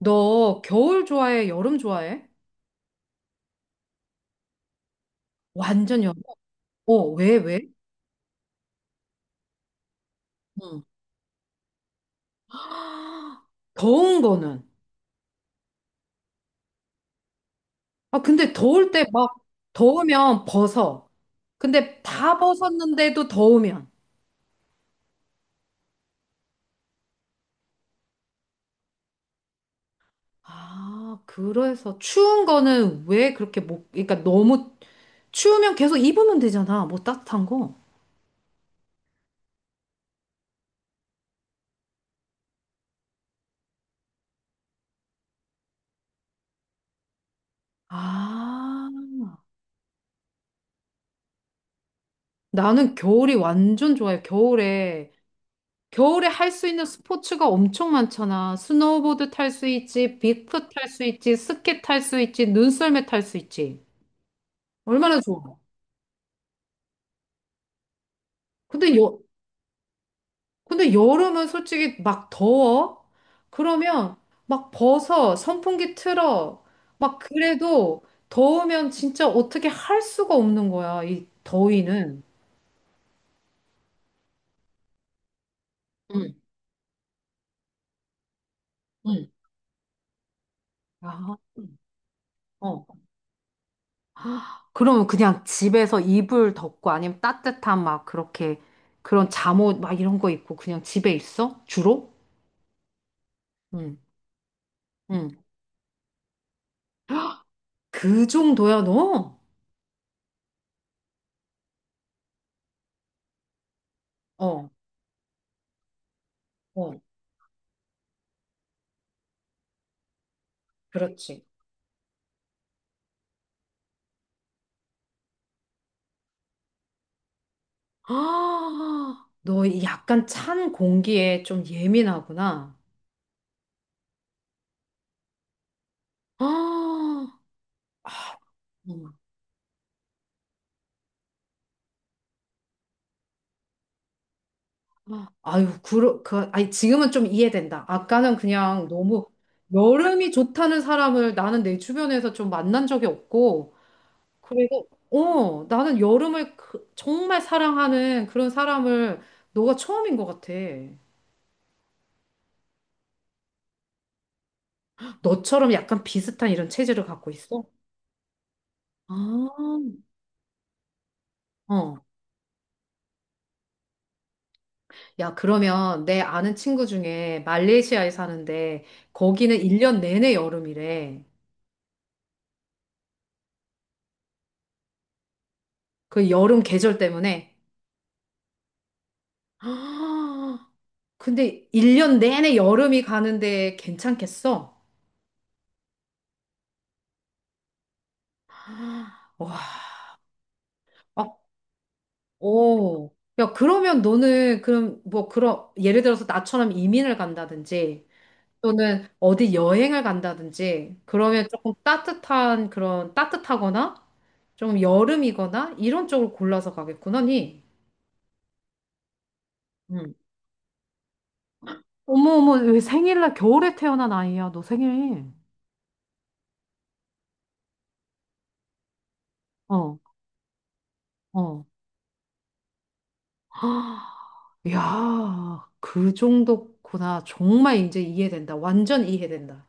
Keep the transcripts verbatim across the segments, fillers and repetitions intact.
너 겨울 좋아해? 여름 좋아해? 완전 여름. 어, 왜, 왜? 응. 더운 거는. 아, 근데 더울 때 막 더우면 벗어. 근데 다 벗었는데도 더우면. 아, 그래서 추운 거는 왜 그렇게 못, 그러니까 너무 추우면 계속 입으면 되잖아. 뭐 따뜻한 거. 아, 나는 겨울이 완전 좋아요. 겨울에 겨울에 할 수 있는 스포츠가 엄청 많잖아. 스노우보드 탈 수 있지, 빅프 탈 수 있지, 스키 탈 수 있지, 눈썰매 탈 수 있지. 얼마나 좋아. 근데 여, 근데 여름은 솔직히 막 더워. 그러면 막 벗어, 선풍기 틀어. 막 그래도 더우면 진짜 어떻게 할 수가 없는 거야, 이 더위는. 응, 응. 아, 응. 어, 그러면 그냥 집에서 이불 덮고 아니면 따뜻한 막 그렇게 그런 잠옷 막 이런 거 입고 그냥 집에 있어? 주로? 응, 응. 그 정도야, 너? 어, 어, 그렇지. 아, 너이 약간 찬 공기에 좀 예민하구나. 아, 음. 아유, 그, 그, 아니, 지금은 좀 이해된다. 아까는 그냥 너무 여름이 좋다는 사람을 나는 내 주변에서 좀 만난 적이 없고, 그리고 어, 나는 여름을 그- 정말 사랑하는 그런 사람을 너가 처음인 것 같아. 너처럼 약간 비슷한 이런 체질을 갖고 있어? 아, 어. 야, 그러면 내 아는 친구 중에 말레이시아에 사는데 거기는 일 년 내내 여름이래. 그 여름 계절 때문에. 아, 근데 일 년 내내 여름이 가는데 괜찮겠어? 와, 오. 야, 그러면 너는 그럼 뭐 그런 예를 들어서 나처럼 이민을 간다든지 또는 어디 여행을 간다든지 그러면 조금 따뜻한 그런 따뜻하거나 좀 여름이거나 이런 쪽을 골라서 가겠구나, 니. 응. 어머, 어머, 왜 생일날 겨울에 태어난 아이야? 너 생일. 어, 어. 헉, 야, 그 정도구나. 정말 이제 이해된다. 완전 이해된다.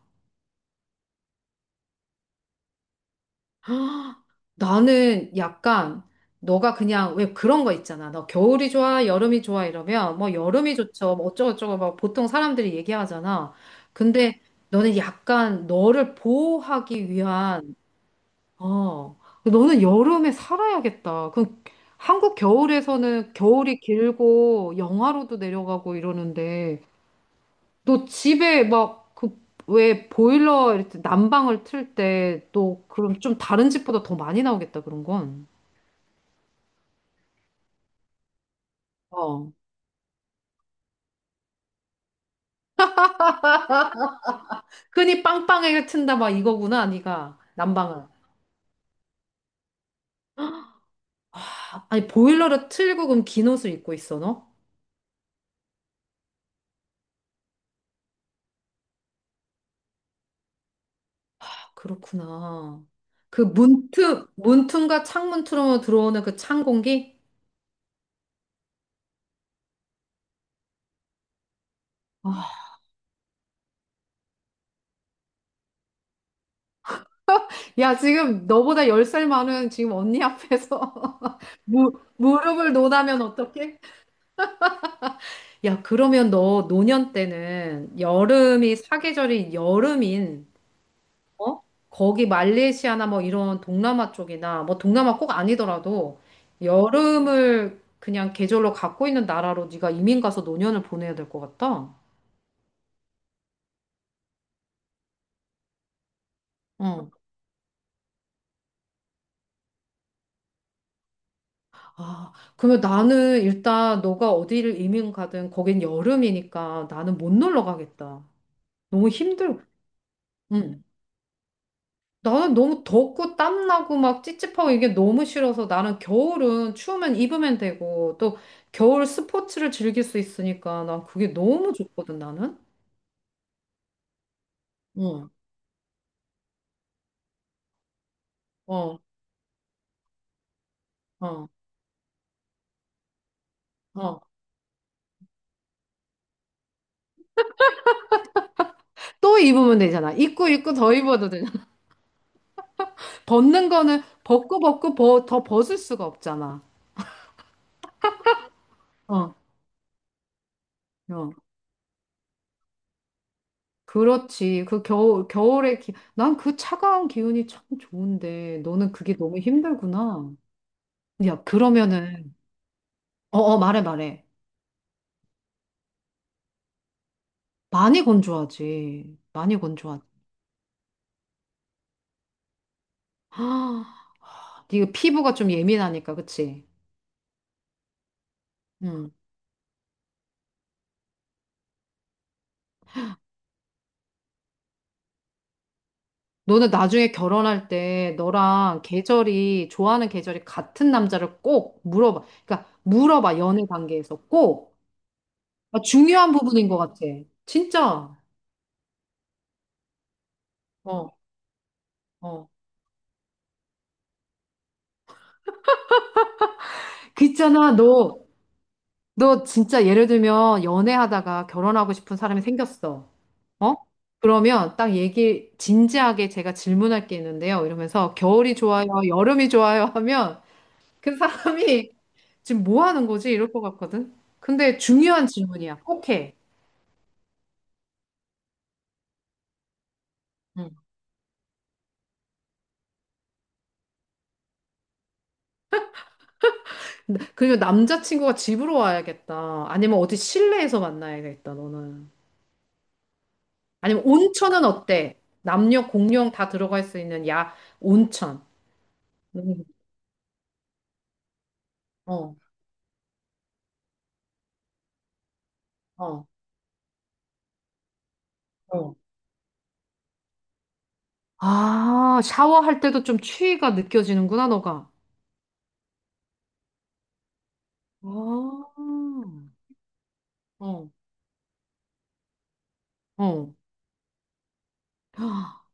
나는 약간 너가 그냥 왜 그런 거 있잖아. 너 겨울이 좋아, 여름이 좋아 이러면 뭐 여름이 좋죠. 뭐 어쩌고저쩌고 막 보통 사람들이 얘기하잖아. 근데 너는 약간 너를 보호하기 위한 어 너는 여름에 살아야겠다. 그 한국 겨울에서는 겨울이 길고 영하로도 내려가고 이러는데 너 집에 막 그 왜 보일러 이렇게 난방을 틀 때 또 그럼 좀 다른 집보다 더 많이 나오겠다 그런 건. 어. 흔히 빵빵하게 튼다 막 이거구나, 네가. 난방을. 아, 아니, 보일러를 틀고 그럼 긴 옷을 입고 있어, 너? 아, 그렇구나. 그 문틈, 문틈과 창문 틈으로 들어오는 그 찬 공기? 아, 야, 지금 너보다 열 살 많은 지금 언니 앞에서 무, 무릎을 논하면 어떡해? 야, 그러면 너 노년 때는 여름이 사계절이 여름인 어? 거기 말레이시아나 뭐 이런 동남아 쪽이나 뭐 동남아 꼭 아니더라도 여름을 그냥 계절로 갖고 있는 나라로 네가 이민 가서 노년을 보내야 될 것 같다. 응. 아, 그러면 나는 일단 너가 어디를 이민 가든 거긴 여름이니까 나는 못 놀러 가겠다. 너무 힘들. 응. 나는 너무 덥고 땀나고 막 찝찝하고 이게 너무 싫어서 나는 겨울은 추우면 입으면 되고 또 겨울 스포츠를 즐길 수 있으니까 난 그게 너무 좋거든 나는. 어, 어, 어, 어. 또 입으면 되잖아. 입고 입고 더 입어도 되잖아. 벗는 거는 벗고 벗고 벗, 더 벗을 수가 없잖아. 어, 어. 그렇지. 그 겨울, 겨울에 기... 난 그 차가운 기운이 참 좋은데 너는 그게 너무 힘들구나. 야, 그러면은 어, 어, 말해 말해. 많이 건조하지. 많이 건조하지. 아, 네가 피부가 좀 예민하니까 그치? 응. 너는 나중에 결혼할 때 너랑 계절이, 좋아하는 계절이 같은 남자를 꼭 물어봐. 그러니까 물어봐, 연애 관계에서 꼭. 아, 중요한 부분인 것 같아. 진짜. 어, 어. 그 있잖아, 너, 너 진짜 예를 들면 연애하다가 결혼하고 싶은 사람이 생겼어. 어? 그러면 딱 얘기, 진지하게 제가 질문할 게 있는데요. 이러면서 겨울이 좋아요, 여름이 좋아요 하면 그 사람이 지금 뭐 하는 거지? 이럴 것 같거든. 근데 중요한 질문이야. 꼭 해. 응. 그리고 남자친구가 집으로 와야겠다. 아니면 어디 실내에서 만나야겠다, 너는. 아니면 온천은 어때? 남녀 공용 다 들어갈 수 있는 야, 온천. 음. 어, 어, 어. 아, 샤워할 때도 좀 추위가 느껴지는구나, 너가. 아, 어, 어.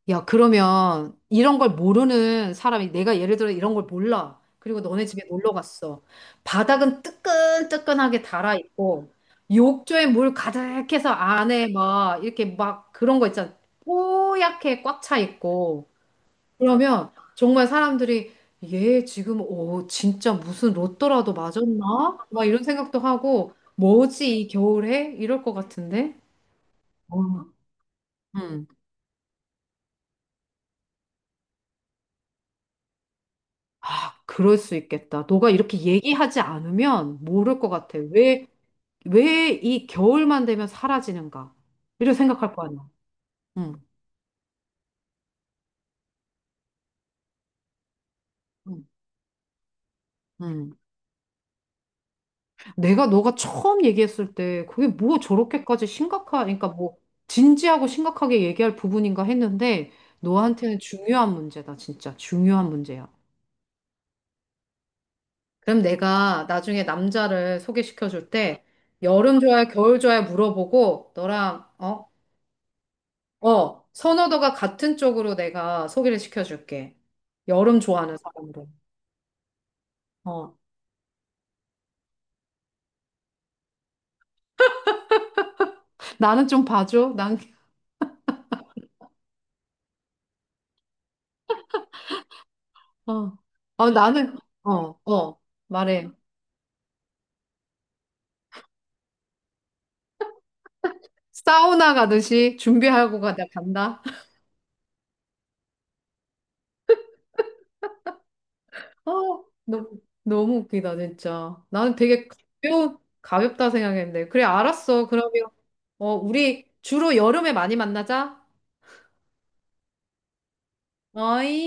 야, 그러면 이런 걸 모르는 사람이 내가 예를 들어 이런 걸 몰라. 그리고 너네 집에 놀러 갔어. 바닥은 뜨끈뜨끈하게 달아 있고 욕조에 물 가득해서 안에 막 이렇게 막 그런 거 있잖아. 뽀얗게 꽉 차 있고. 그러면 정말 사람들이 얘 지금 오 진짜 무슨 로또라도 맞았나? 막 이런 생각도 하고 뭐지 이 겨울에? 이럴 것 같은데. 어. 음. 아, 그럴 수 있겠다. 너가 이렇게 얘기하지 않으면 모를 것 같아. 왜, 왜 이 겨울만 되면 사라지는가? 이런 생각할 거 아니야. 응, 응, 응. 내가 너가 처음 얘기했을 때 그게 뭐 저렇게까지 심각하, 그러니까 뭐 진지하고 심각하게 얘기할 부분인가 했는데 너한테는 중요한 문제다, 진짜. 중요한 문제야. 그럼 내가 나중에 남자를 소개시켜 줄 때 여름 좋아해, 겨울 좋아해 물어보고 너랑 어? 어, 선호도가 같은 쪽으로 내가 소개를 시켜줄게. 여름 좋아하는 사람으로. 어, 나는 좀 봐줘. 난, 어, 어, 나는, 어, 어, 말해. 사우나 가듯이 준비하고 가, 나 간다. 어, 너무, 너무 웃기다, 진짜. 나는 되게 가벼운, 가볍다 생각했는데. 그래, 알았어. 그러면, 어, 우리 주로 여름에 많이 만나자. 어이?